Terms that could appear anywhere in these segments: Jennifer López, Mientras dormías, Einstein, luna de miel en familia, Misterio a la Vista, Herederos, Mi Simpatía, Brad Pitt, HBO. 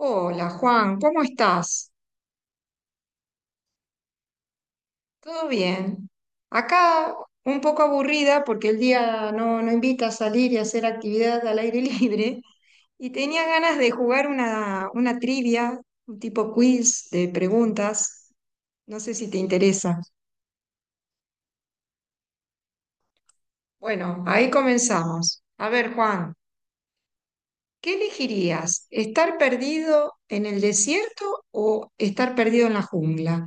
Hola Juan, ¿cómo estás? ¿Todo bien? Acá un poco aburrida porque el día no invita a salir y hacer actividad al aire libre y tenía ganas de jugar una trivia, un tipo quiz de preguntas. No sé si te interesa. Bueno, ahí comenzamos. A ver Juan, ¿qué elegirías? ¿Estar perdido en el desierto o estar perdido en la jungla?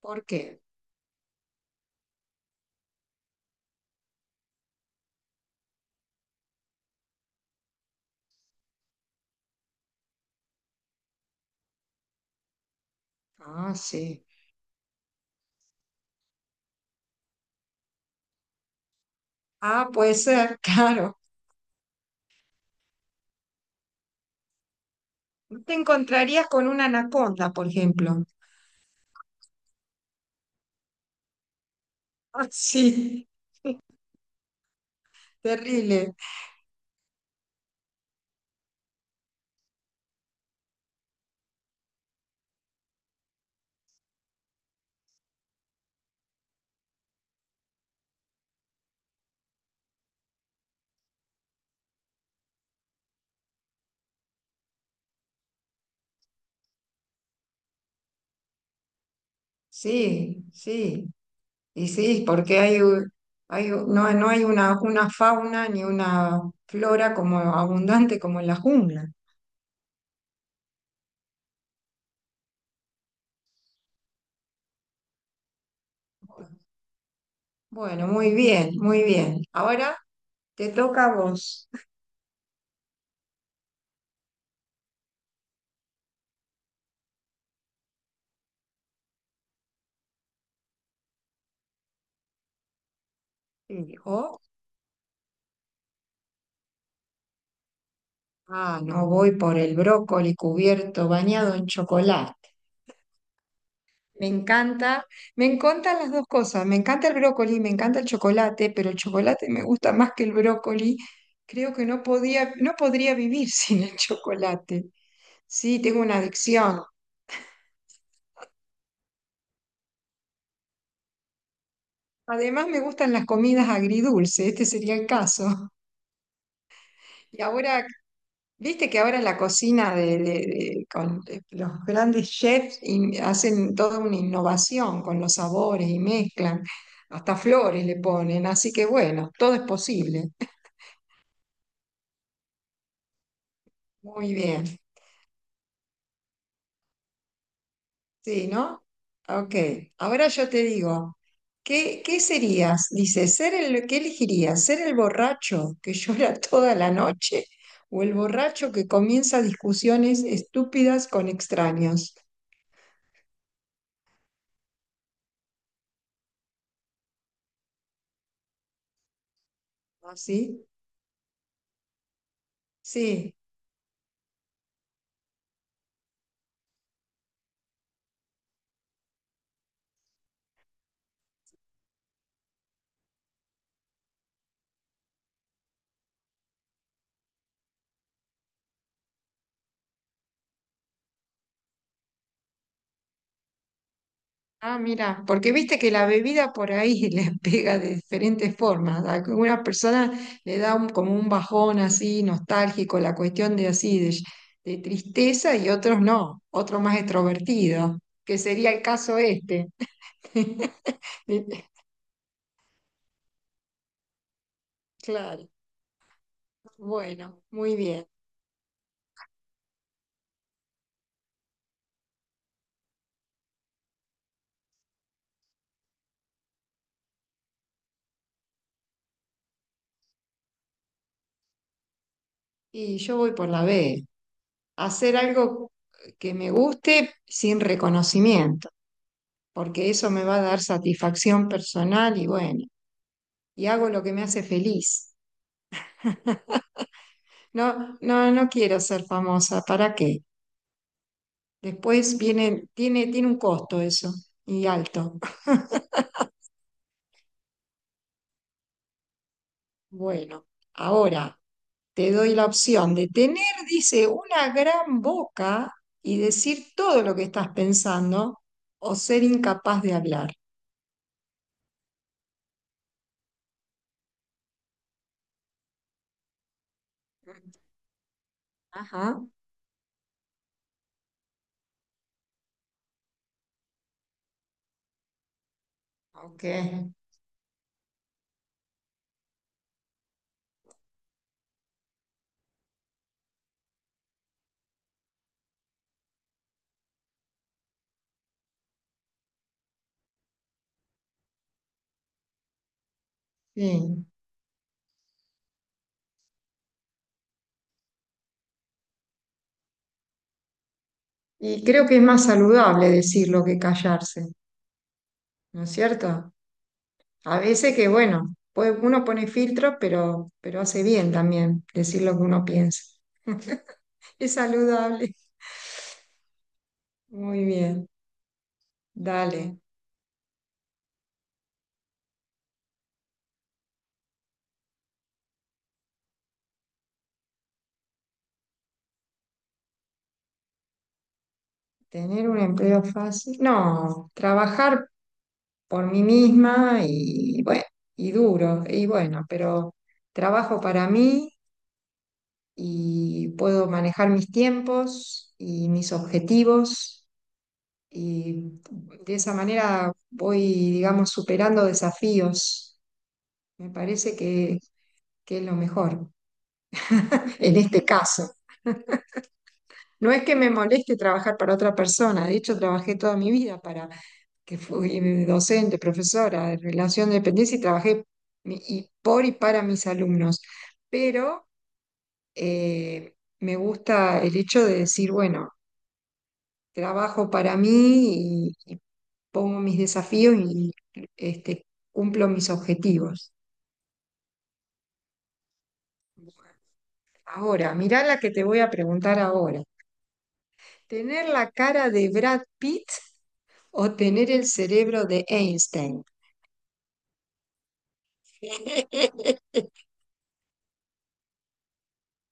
¿Por qué? Ah, sí. Ah, puede ser, claro. Te encontrarías con una anaconda, por ejemplo. Ah, sí, terrible. Sí, sí. Y sí, porque hay u- no, no hay una fauna ni una flora como abundante como en la jungla. Bueno, muy bien, muy bien. Ahora te toca a vos. Sí, o- no voy por el brócoli cubierto, bañado en chocolate. Me encanta, me encantan las dos cosas. Me encanta el brócoli, me encanta el chocolate, pero el chocolate me gusta más que el brócoli. Creo que no podría vivir sin el chocolate. Sí, tengo una adicción. Además, me gustan las comidas agridulces, este sería el caso. Y ahora, viste que ahora en la cocina de- con de los grandes chefs hacen toda una innovación con los sabores y mezclan, hasta flores le ponen, así que bueno, todo es posible. Muy bien. Sí, ¿no? Ok. Ahora yo te digo, ¿qué serías? Dice, ¿qué elegirías? ¿Ser el borracho que llora toda la noche o el borracho que comienza discusiones estúpidas con extraños? ¿Así? Sí, sí. Ah, mira, porque viste que la bebida por ahí le pega de diferentes formas. A alguna persona como un bajón así nostálgico, la cuestión de así, de tristeza, y otros no, otro más extrovertido, que sería el caso este. Claro, bueno, muy bien. Y yo voy por la B, hacer algo que me guste sin reconocimiento, porque eso me va a dar satisfacción personal y bueno, y hago lo que me hace feliz. No, no, no quiero ser famosa, ¿para qué? Después tiene un costo eso, y alto. Bueno, ahora te doy la opción de tener, dice, una gran boca y decir todo lo que estás pensando o ser incapaz de hablar. Ajá, ok, sí. Y creo que es más saludable decirlo que callarse, ¿no es cierto? A veces que, bueno, pues uno pone filtros, pero hace bien también decir lo que uno piensa. Es saludable. Muy bien, dale. Tener un empleo fácil. No, trabajar por mí misma y bueno, y duro, y bueno, pero trabajo para mí y puedo manejar mis tiempos y mis objetivos y de esa manera voy, digamos, superando desafíos. Me parece que es lo mejor en este caso. No es que me moleste trabajar para otra persona, de hecho trabajé toda mi vida para que fui docente, profesora de relación de dependencia y trabajé mi- y por y para mis alumnos, pero eh, me gusta el hecho de decir, bueno, trabajo para mí y pongo mis desafíos y este, cumplo mis objetivos. Ahora, mirá la que te voy a preguntar ahora. ¿Tener la cara de Brad Pitt o tener el cerebro de Einstein?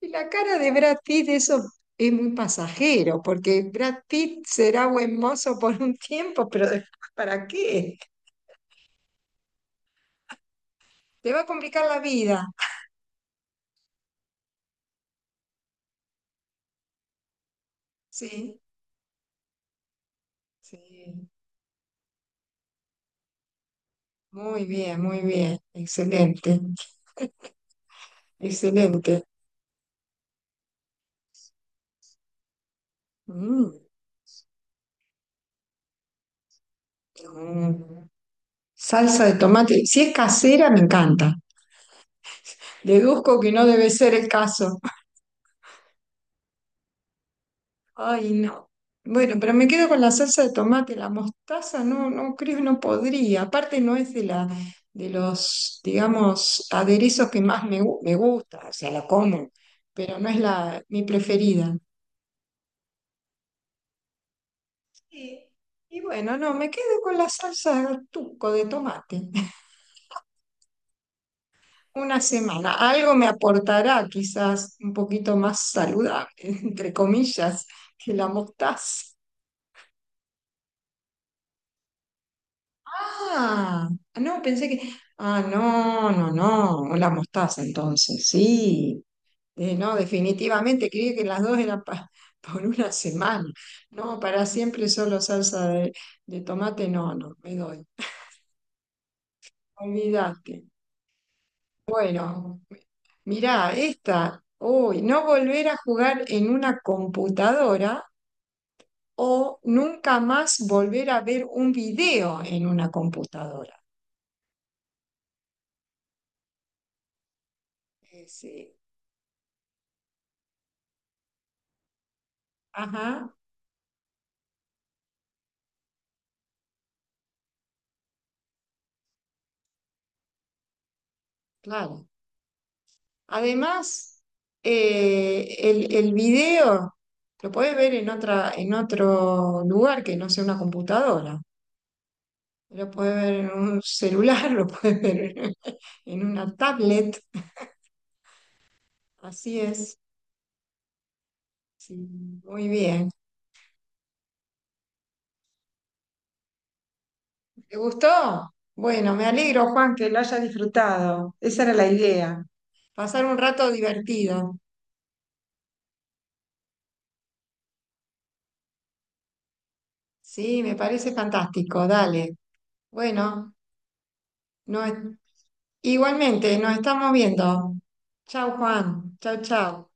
Y la cara de Brad Pitt, eso es muy pasajero, porque Brad Pitt será buen mozo por un tiempo, pero después, ¿para qué? Te va a complicar la vida. Sí, sí. Muy bien, muy bien. Excelente, excelente. Mm, mm. Salsa de tomate. Si es casera, me encanta. Deduzco que no debe ser el caso. Ay, no. Bueno, pero me quedo con la salsa de tomate, la mostaza, no, no creo, no podría. Aparte no es de la, de los, digamos, aderezos que más me, me gusta, o sea, la como, pero no es la, mi preferida. Y, y bueno, no, me quedo con la salsa tuco de tomate. Una semana, algo me aportará quizás un poquito más saludable, entre comillas, que la mostaza. Ah, no, pensé que. Ah, no, no, no, la mostaza entonces, sí. No, definitivamente, creí que las dos eran por una semana. No, para siempre solo salsa de tomate, no, no, me doy. Olvídate. Bueno, mirá, esta. Uy, no volver a jugar en una computadora o nunca más volver a ver un video en una computadora. Sí. Ajá, claro. Además, el video lo podés ver en otro lugar que no sea una computadora. Lo podés ver en un celular, lo podés ver en una tablet. Así es. Sí, muy bien. ¿Te gustó? Bueno, me alegro, Juan, que lo hayas disfrutado. Esa era la idea. Pasar un rato divertido. Sí, me parece fantástico. Dale. Bueno, no, igualmente, nos estamos viendo. Chau, Juan. Chau, chau.